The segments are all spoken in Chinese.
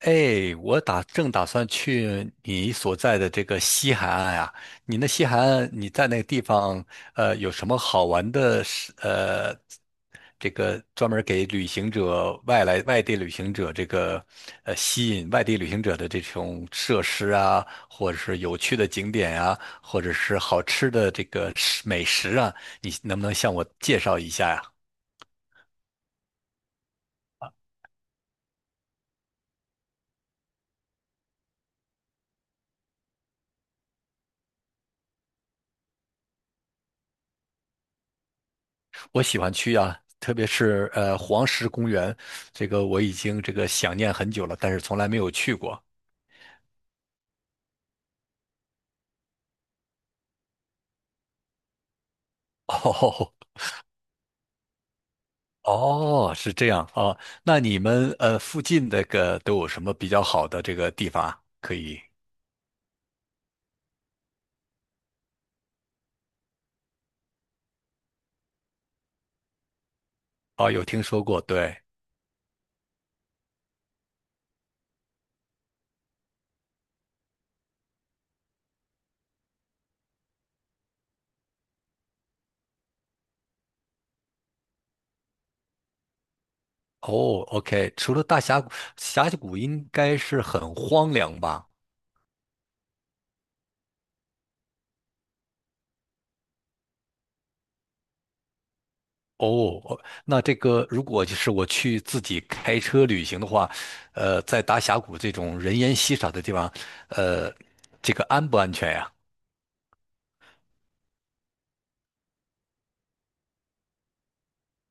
哎，我正打算去你所在的这个西海岸啊。你那西海岸，你在那个地方，有什么好玩的事？这个专门给旅行者、外来外地旅行者这个，吸引外地旅行者的这种设施啊，或者是有趣的景点啊，或者是好吃的这个美食啊，你能不能向我介绍一下呀。我喜欢去啊，特别是黄石公园，这个我已经这个想念很久了，但是从来没有去过。哦哦，是这样啊。那你们附近那个都有什么比较好的这个地方啊可以？哦，有听说过，对。哦，OK，除了大峡谷，峡谷应该是很荒凉吧？哦，哦，那这个如果就是我去自己开车旅行的话，在大峡谷这种人烟稀少的地方，呃，这个安不安全呀？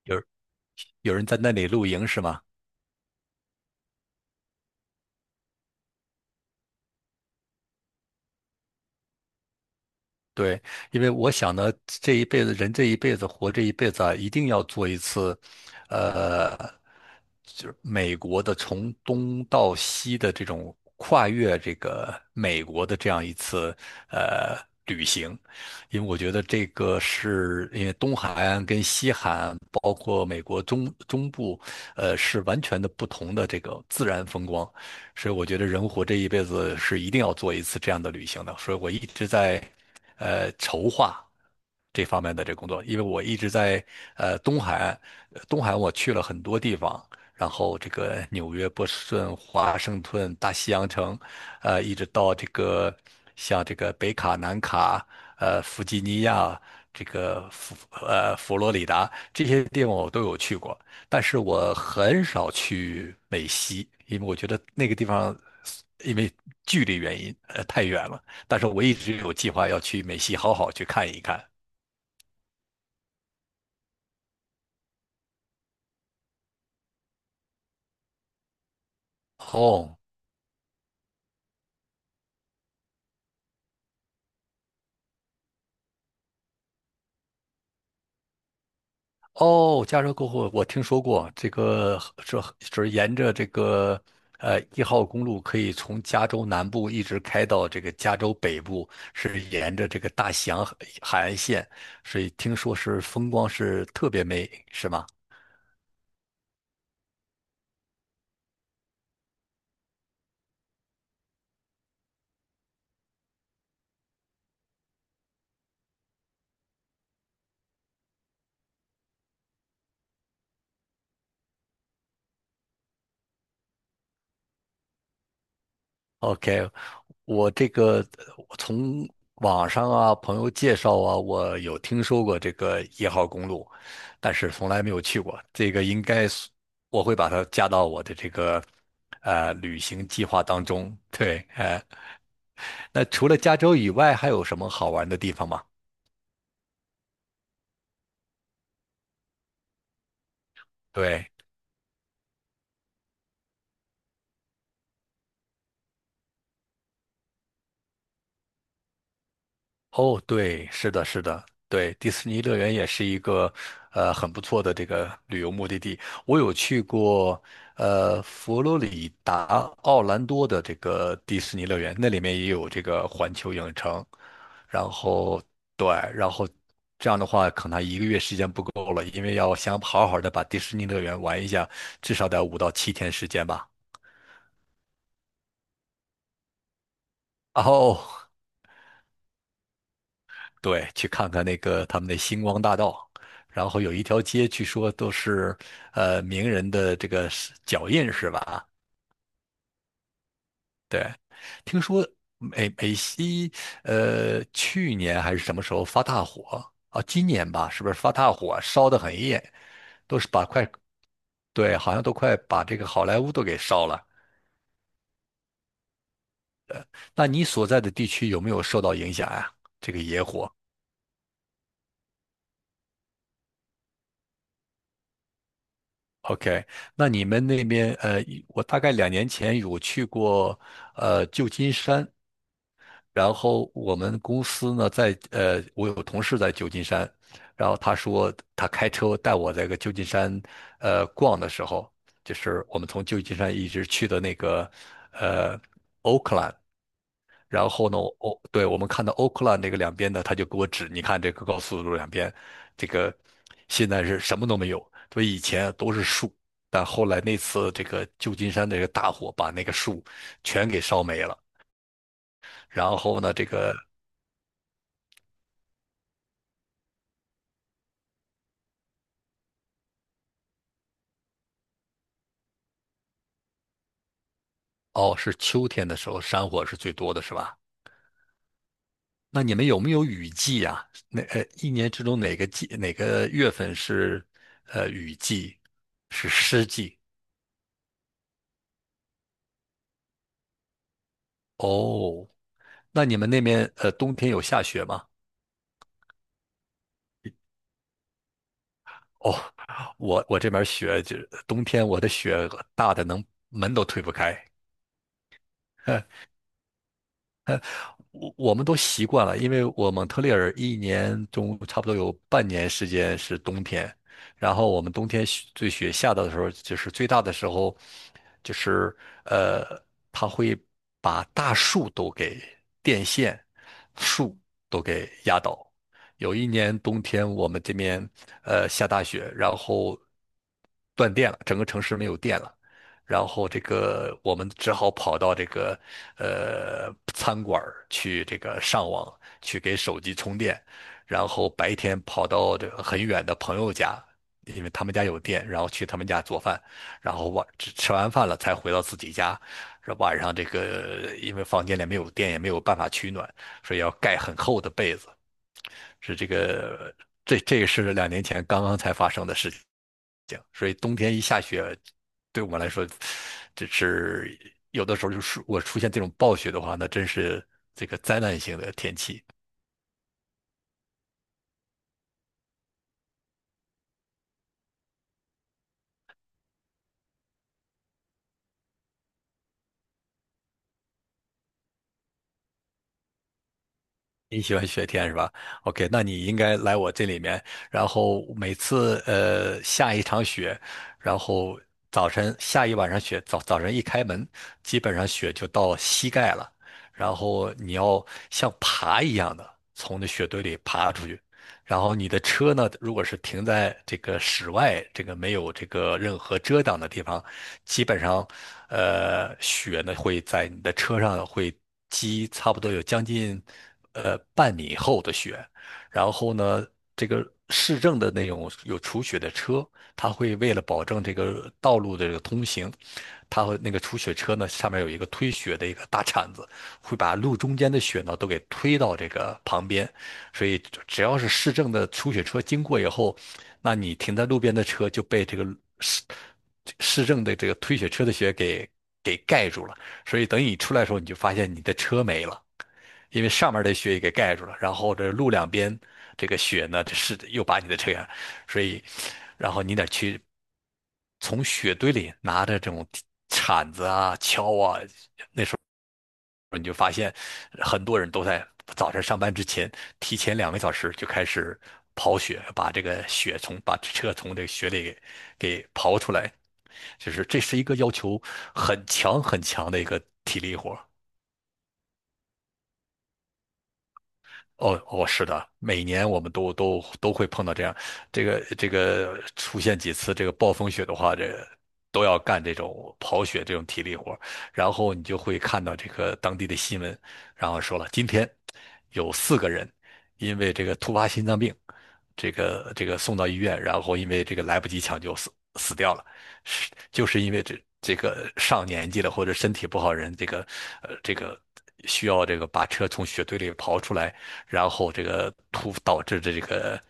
有有人在那里露营是吗？对，因为我想呢，这一辈子人这一辈子活这一辈子啊，一定要做一次，呃，就是美国的从东到西的这种跨越这个美国的这样一次呃旅行，因为我觉得这个是因为东海岸跟西海岸，包括美国中部，是完全的不同的这个自然风光。所以我觉得人活这一辈子是一定要做一次这样的旅行的。所以我一直在筹划这方面的这工作，因为我一直在东海岸，东海岸我去了很多地方，然后这个纽约、波士顿、华盛顿、大西洋城，一直到这个像这个北卡、南卡，弗吉尼亚。这个佛罗里达这些地方我都有去过，但是我很少去美西，因为我觉得那个地方因为距离原因，太远了。但是我一直有计划要去美西好好去看一看。哦哦，加州过后我听说过这个，这就是沿着这个一号公路可以从加州南部一直开到这个加州北部，是沿着这个大西洋海岸线，所以听说是风光是特别美，是吗？OK，我这个呃我从网上啊、朋友介绍啊，我有听说过这个一号公路，但是从来没有去过。这个应该是我会把它加到我的这个旅行计划当中。对，哎，那除了加州以外，还有什么好玩的地方吗？对，哦，对，是的，是的，对，迪士尼乐园也是一个很不错的这个旅游目的地。我有去过佛罗里达奥兰多的这个迪士尼乐园，那里面也有这个环球影城。然后对，然后这样的话，可能1个月时间不够了，因为要想好好的把迪士尼乐园玩一下，至少得5到7天时间吧。哦，对，去看看那个他们的星光大道，然后有一条街，据说都是名人的这个是脚印是吧？对，听说美西去年还是什么时候发大火啊？今年吧，是不是发大火烧得很严，都是把快，对，好像都快把这个好莱坞都给烧了。那你所在的地区有没有受到影响呀，这个野火？OK,那你们那边，呃，我大概两年前有去过旧金山，然后我们公司呢我有同事在旧金山，然后他说他开车带我在个旧金山逛的时候，就是我们从旧金山一直去的那个呃 Oakland,然后呢，哦，对，我们看到 o 克 k l 那个两边呢，他就给我指，你看这个高速路两边，这个现在是什么都没有，所以以前都是树，但后来那次这个旧金山这个大火把那个树全给烧没了。然后呢，这个，哦，是秋天的时候山火是最多的是吧？那你们有没有雨季呀？那一年之中哪个季哪个月份是雨季，是湿季？哦，那你们那边冬天有下雪吗？哦，我这边雪就是冬天，我的雪大的能门都推不开。我们都习惯了，因为我蒙特利尔一年中差不多有半年时间是冬天，然后我们冬天雪下的时候，就是最大的时候，就是呃，它会把大树都给电线、树都给压倒。有一年冬天，我们这边下大雪，然后断电了，整个城市没有电了。然后这个我们只好跑到这个餐馆儿去这个上网去给手机充电，然后白天跑到这个很远的朋友家，因为他们家有电，然后去他们家做饭，然后吃完饭了才回到自己家。晚上这个因为房间里没有电，也没有办法取暖，所以要盖很厚的被子。是这个这个是两年前刚刚才发生的事情，所以冬天一下雪，对我们来说，这是有的时候就是我出现这种暴雪的话，那真是这个灾难性的天气。你喜欢雪天是吧？OK,那你应该来我这里面，然后每次下一场雪，然后早晨下一晚上雪，早晨一开门，基本上雪就到膝盖了，然后你要像爬一样的从那雪堆里爬出去，然后你的车呢，如果是停在这个室外，这个没有这个任何遮挡的地方，基本上，雪呢会在你的车上会积差不多有将近半米厚的雪，然后呢，这个市政的那种有除雪的车，它会为了保证这个道路的这个通行，它会那个除雪车呢上面有一个推雪的一个大铲子，会把路中间的雪呢都给推到这个旁边，所以只要是市政的出雪车经过以后，那你停在路边的车就被这个市市政的这个推雪车的雪给盖住了。所以等你出来的时候，你就发现你的车没了，因为上面的雪也给盖住了，然后这路两边这个雪呢，这是又把你的车，所以然后你得去从雪堆里拿着这种铲子啊、锹啊，你就发现很多人都在早晨上班之前提前2个小时就开始刨雪，把这个雪把车从这个雪里给刨出来，就是这是一个要求很强很强的一个体力活。哦哦，是的，每年我们都会碰到这样，这个出现几次这个暴风雪的话，这都要干这种跑雪这种体力活儿。然后你就会看到这个当地的新闻，然后说了今天有4个人因为这个突发心脏病，这个送到医院，然后因为这个来不及抢救死掉了，是就是因为这个上年纪了或者身体不好人，这个需要这个把车从雪堆里刨出来，然后这个导致的这个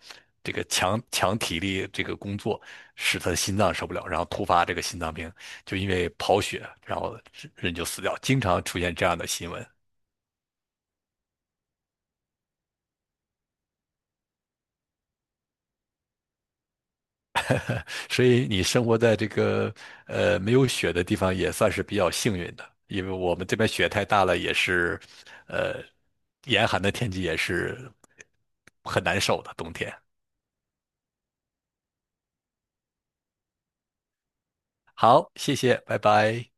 这个强体力这个工作，使他的心脏受不了，然后突发这个心脏病，就因为刨雪，然后人就死掉，经常出现这样的新闻。所以你生活在这个没有雪的地方也算是比较幸运的，因为我们这边雪太大了，也是，呃，严寒的天气也是很难受的冬天。好，谢谢，拜拜。